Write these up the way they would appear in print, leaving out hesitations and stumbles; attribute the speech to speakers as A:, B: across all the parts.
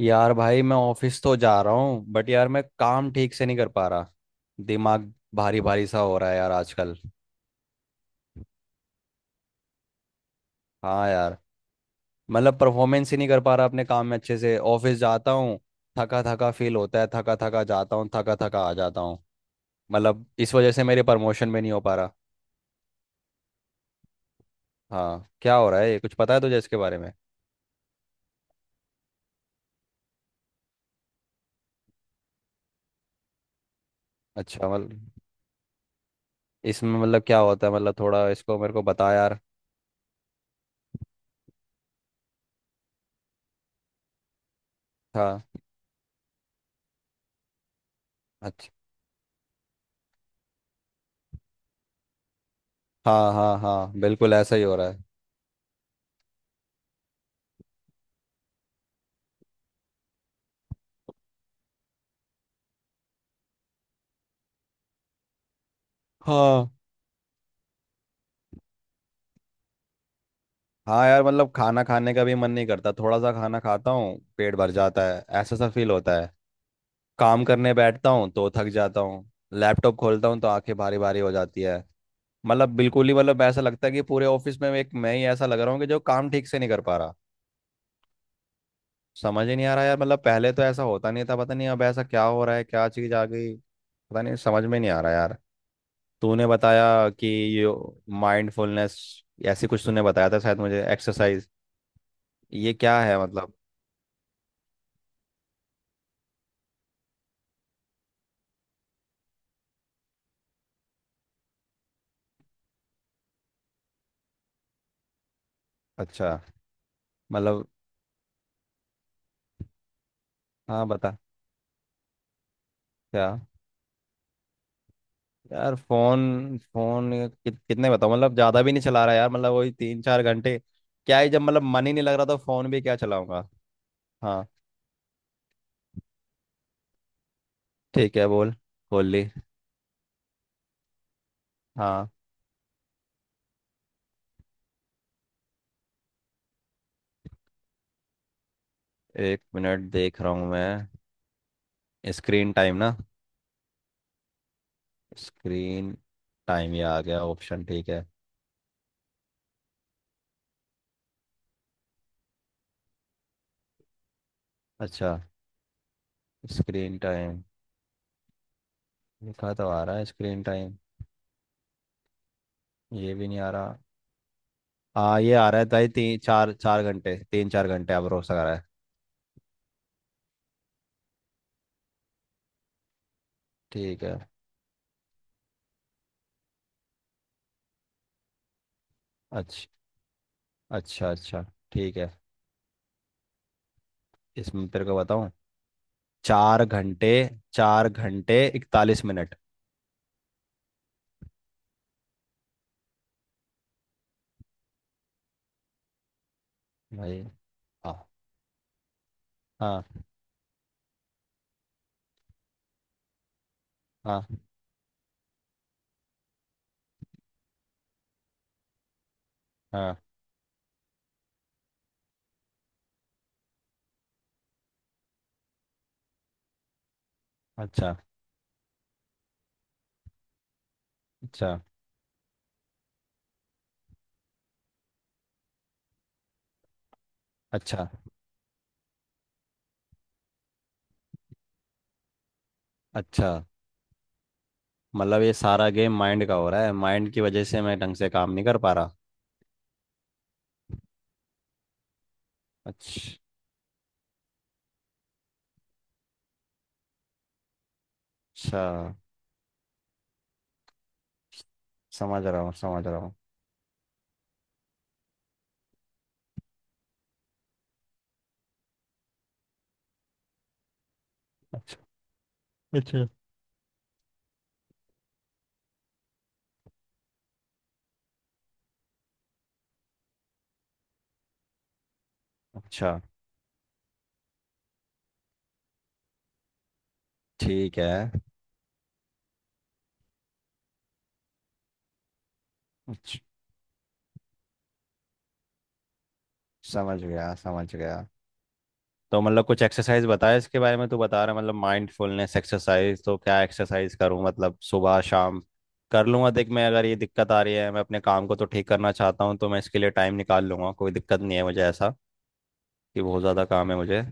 A: यार भाई, मैं ऑफिस तो जा रहा हूँ बट यार मैं काम ठीक से नहीं कर पा रहा। दिमाग भारी भारी सा हो रहा है यार, आजकल। हाँ यार, मतलब परफॉर्मेंस ही नहीं कर पा रहा अपने काम में अच्छे से। ऑफिस जाता हूँ, थका थका फील होता है, थका थका जाता हूँ, थका थका आ जाता हूँ। मतलब इस वजह से मेरे प्रमोशन में नहीं हो पा रहा। हाँ, क्या हो रहा है ये कुछ पता है तुझे इसके बारे में? अच्छा, मतलब इसमें मतलब क्या होता है? मतलब थोड़ा इसको मेरे को बता यार। हाँ। अच्छा। हाँ, हाँ, हाँ, बिल्कुल ऐसा ही हो रहा है। हाँ। हाँ यार, मतलब खाना खाने का भी मन नहीं करता, थोड़ा सा खाना खाता हूँ। पेट भर जाता है, ऐसा सा फील होता है। काम करने बैठता हूँ तो थक जाता हूँ। लैपटॉप खोलता हूँ तो आंखें भारी भारी हो जाती है। मतलब बिल्कुल ही, मतलब ऐसा लगता है कि पूरे ऑफिस में एक मैं ही ऐसा लग रहा हूँ कि जो काम ठीक से नहीं कर पा रहा। समझ ही नहीं आ रहा यार, मतलब पहले तो ऐसा होता नहीं था। पता नहीं अब ऐसा क्या हो रहा है, क्या चीज़ आ गई। पता नहीं, समझ में नहीं आ रहा यार। तूने बताया कि ये माइंडफुलनेस, ऐसी कुछ तूने बताया था शायद मुझे एक्सरसाइज। ये क्या है मतलब? अच्छा, मतलब। हाँ, बता। क्या? यार, फोन फोन कि, कितने बताओ, मतलब ज्यादा भी नहीं चला रहा यार, मतलब वही 3 4 घंटे। क्या ही, जब मतलब मन ही नहीं लग रहा तो फोन भी क्या चलाऊंगा। हाँ। ठीक है, बोल। खोल ली। हाँ। एक मिनट, देख रहा हूँ मैं। स्क्रीन टाइम ना। स्क्रीन टाइम, ये आ गया ऑप्शन। ठीक है। अच्छा। स्क्रीन टाइम लिखा तो आ रहा है, स्क्रीन टाइम, ये भी नहीं आ रहा। हाँ, ये आ रहा है भाई, तीन चार चार घंटे, 3 4 घंटे अब रोज आ रहा है। ठीक है। अच्छा, अच्छा। अच्छा। ठीक है। इसमें तेरे को बताऊं। चार घंटे 4 घंटे 41 मिनट। भाई। हाँ, हाँ, हाँ, हाँ। अच्छा, अच्छा, अच्छा, अच्छा। मतलब ये सारा गेम माइंड का हो रहा है, माइंड की वजह से मैं ढंग से काम नहीं कर पा रहा। अच्छा। समझ रहा हूँ, समझ रहा हूँ। अच्छा, अच्छा, अच्छा। ठीक है। अच्छा, समझ गया, समझ गया। तो मतलब कुछ एक्सरसाइज बताया इसके बारे में, तो बता रहा है मतलब माइंडफुलनेस एक्सरसाइज, तो क्या एक्सरसाइज करूं, मतलब सुबह शाम कर लूंगा। देख मैं, अगर ये दिक्कत आ रही है, मैं अपने काम को तो ठीक करना चाहता हूँ, तो मैं इसके लिए टाइम निकाल लूंगा। कोई दिक्कत नहीं है मुझे ऐसा कि बहुत ज़्यादा काम है मुझे।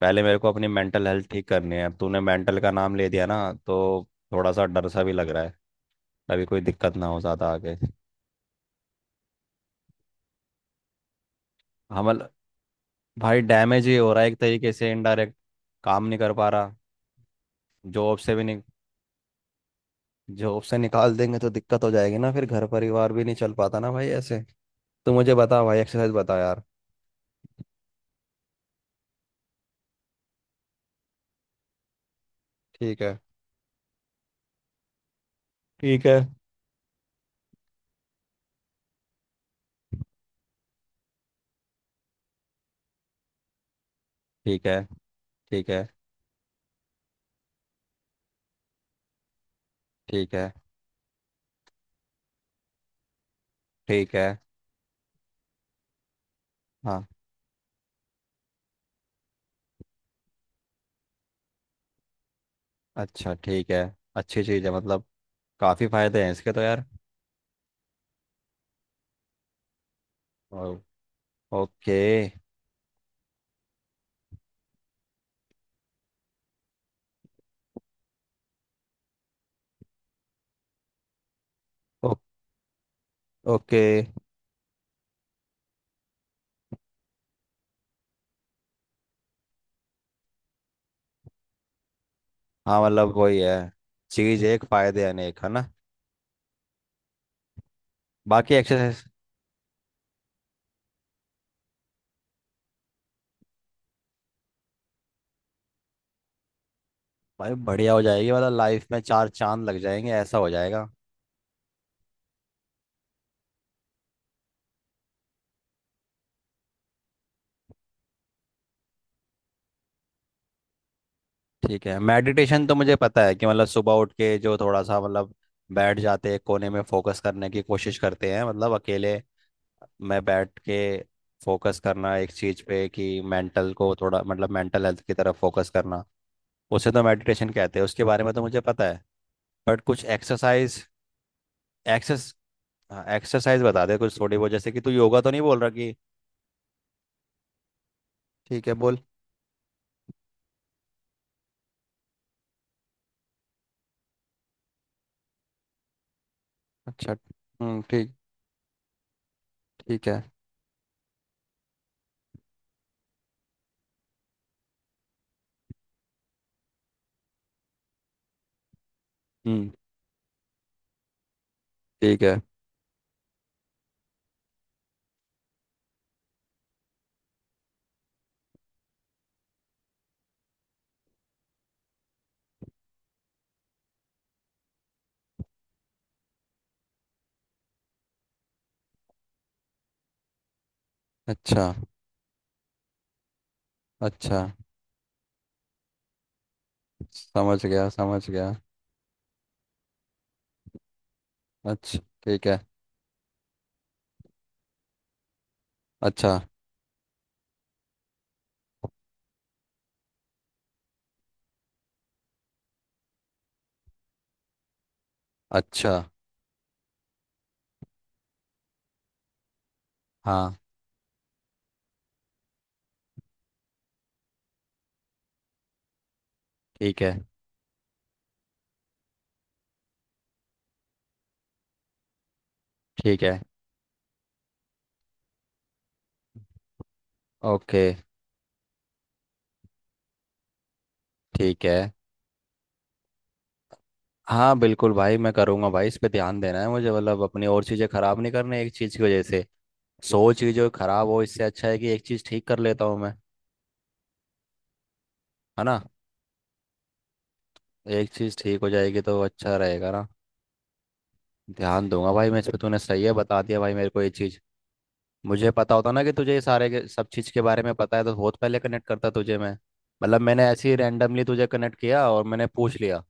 A: पहले मेरे को अपनी मेंटल हेल्थ ठीक करनी है। अब तूने मेंटल का नाम ले दिया ना, तो थोड़ा सा डर सा भी लग रहा है, अभी कोई दिक्कत ना हो ज़्यादा आगे। हमल। भाई डैमेज ही हो रहा है एक तरीके से इनडायरेक्ट, काम नहीं कर पा रहा। जॉब से भी नहीं। जॉब से निकाल देंगे तो दिक्कत हो जाएगी ना, फिर घर परिवार भी नहीं चल पाता ना भाई ऐसे। तो मुझे बता भाई, एक्सरसाइज बता यार। ठीक है। ठीक है। ठीक है। ठीक है। ठीक है। ठीक है। हाँ। अच्छा, ठीक है। अच्छी चीज़ है मतलब। काफ़ी फायदे हैं इसके तो यार। ओ- ओके। ओ, ओके। हाँ, मतलब वही है। चीज़ एक फायदे अनेक है ना। बाकी एक्सरसाइज। भाई बढ़िया हो जाएगी, मतलब लाइफ में चार चांद लग जाएंगे, ऐसा हो जाएगा। ठीक है, मेडिटेशन तो मुझे पता है कि मतलब सुबह उठ के जो थोड़ा सा, मतलब बैठ जाते हैं कोने में, फोकस करने की कोशिश करते हैं, मतलब अकेले मैं बैठ के फोकस करना एक चीज पे कि मेंटल को थोड़ा, मतलब मेंटल हेल्थ की तरफ फोकस करना, उसे तो मेडिटेशन कहते हैं, उसके बारे में तो मुझे पता है। बट कुछ एक्सरसाइज। एक्सेस एक्सरसाइज बता दे कुछ थोड़ी बहुत, जैसे कि तू योगा तो नहीं बोल रहा कि। ठीक है, बोल। अच्छा। हम्म। ठीक। ठीक है। हम्म। ठीक है। अच्छा। अच्छा, समझ गया, समझ गया। अच्छा, ठीक है। अच्छा। अच्छा। हाँ। ठीक है। ठीक है। ओके। ठीक है। हाँ बिल्कुल भाई, मैं करूँगा भाई, इस पे ध्यान देना है मुझे, मतलब अपनी और चीज़ें ख़राब नहीं करनी एक चीज़ की वजह से। सौ चीज़ें ख़राब हो, इससे अच्छा है कि एक चीज़ ठीक कर लेता हूँ मैं। है ना। एक चीज़ ठीक हो जाएगी तो अच्छा रहेगा ना। ध्यान दूंगा भाई मैं इस पे, तूने सही है बता दिया भाई मेरे को ये चीज़। मुझे पता होता ना कि तुझे ये सारे सब चीज़ के बारे में पता है, तो बहुत पहले कनेक्ट करता तुझे मैं। मतलब मैंने ऐसे ही रैंडमली तुझे कनेक्ट किया और मैंने पूछ लिया।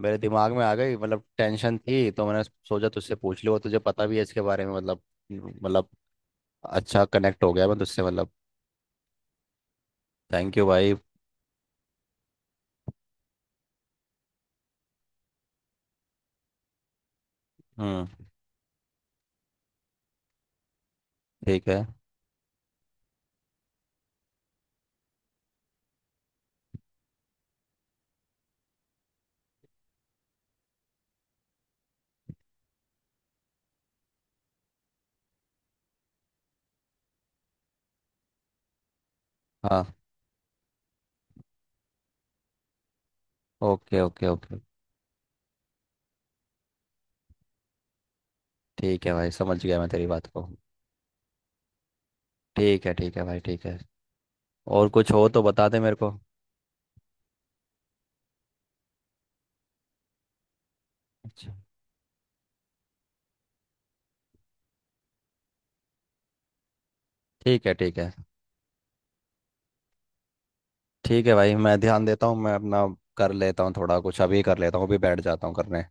A: मेरे दिमाग में आ गई मतलब टेंशन थी, तो मैंने सोचा तुझसे पूछ लूँ, और तुझे पता भी है इसके बारे में मतलब। मतलब। अच्छा, कनेक्ट हो गया मैं तुझसे मतलब। थैंक यू भाई। हम्म। ठीक है। हाँ। Okay, okay, okay. ठीक है भाई, समझ गया मैं तेरी बात को। ठीक है, ठीक है भाई, ठीक है। और कुछ हो तो बता दे मेरे को। अच्छा। ठीक है, ठीक है। ठीक है भाई, मैं ध्यान देता हूँ मैं अपना। कर लेता हूँ थोड़ा कुछ अभी, कर लेता हूँ, अभी बैठ जाता हूँ करने।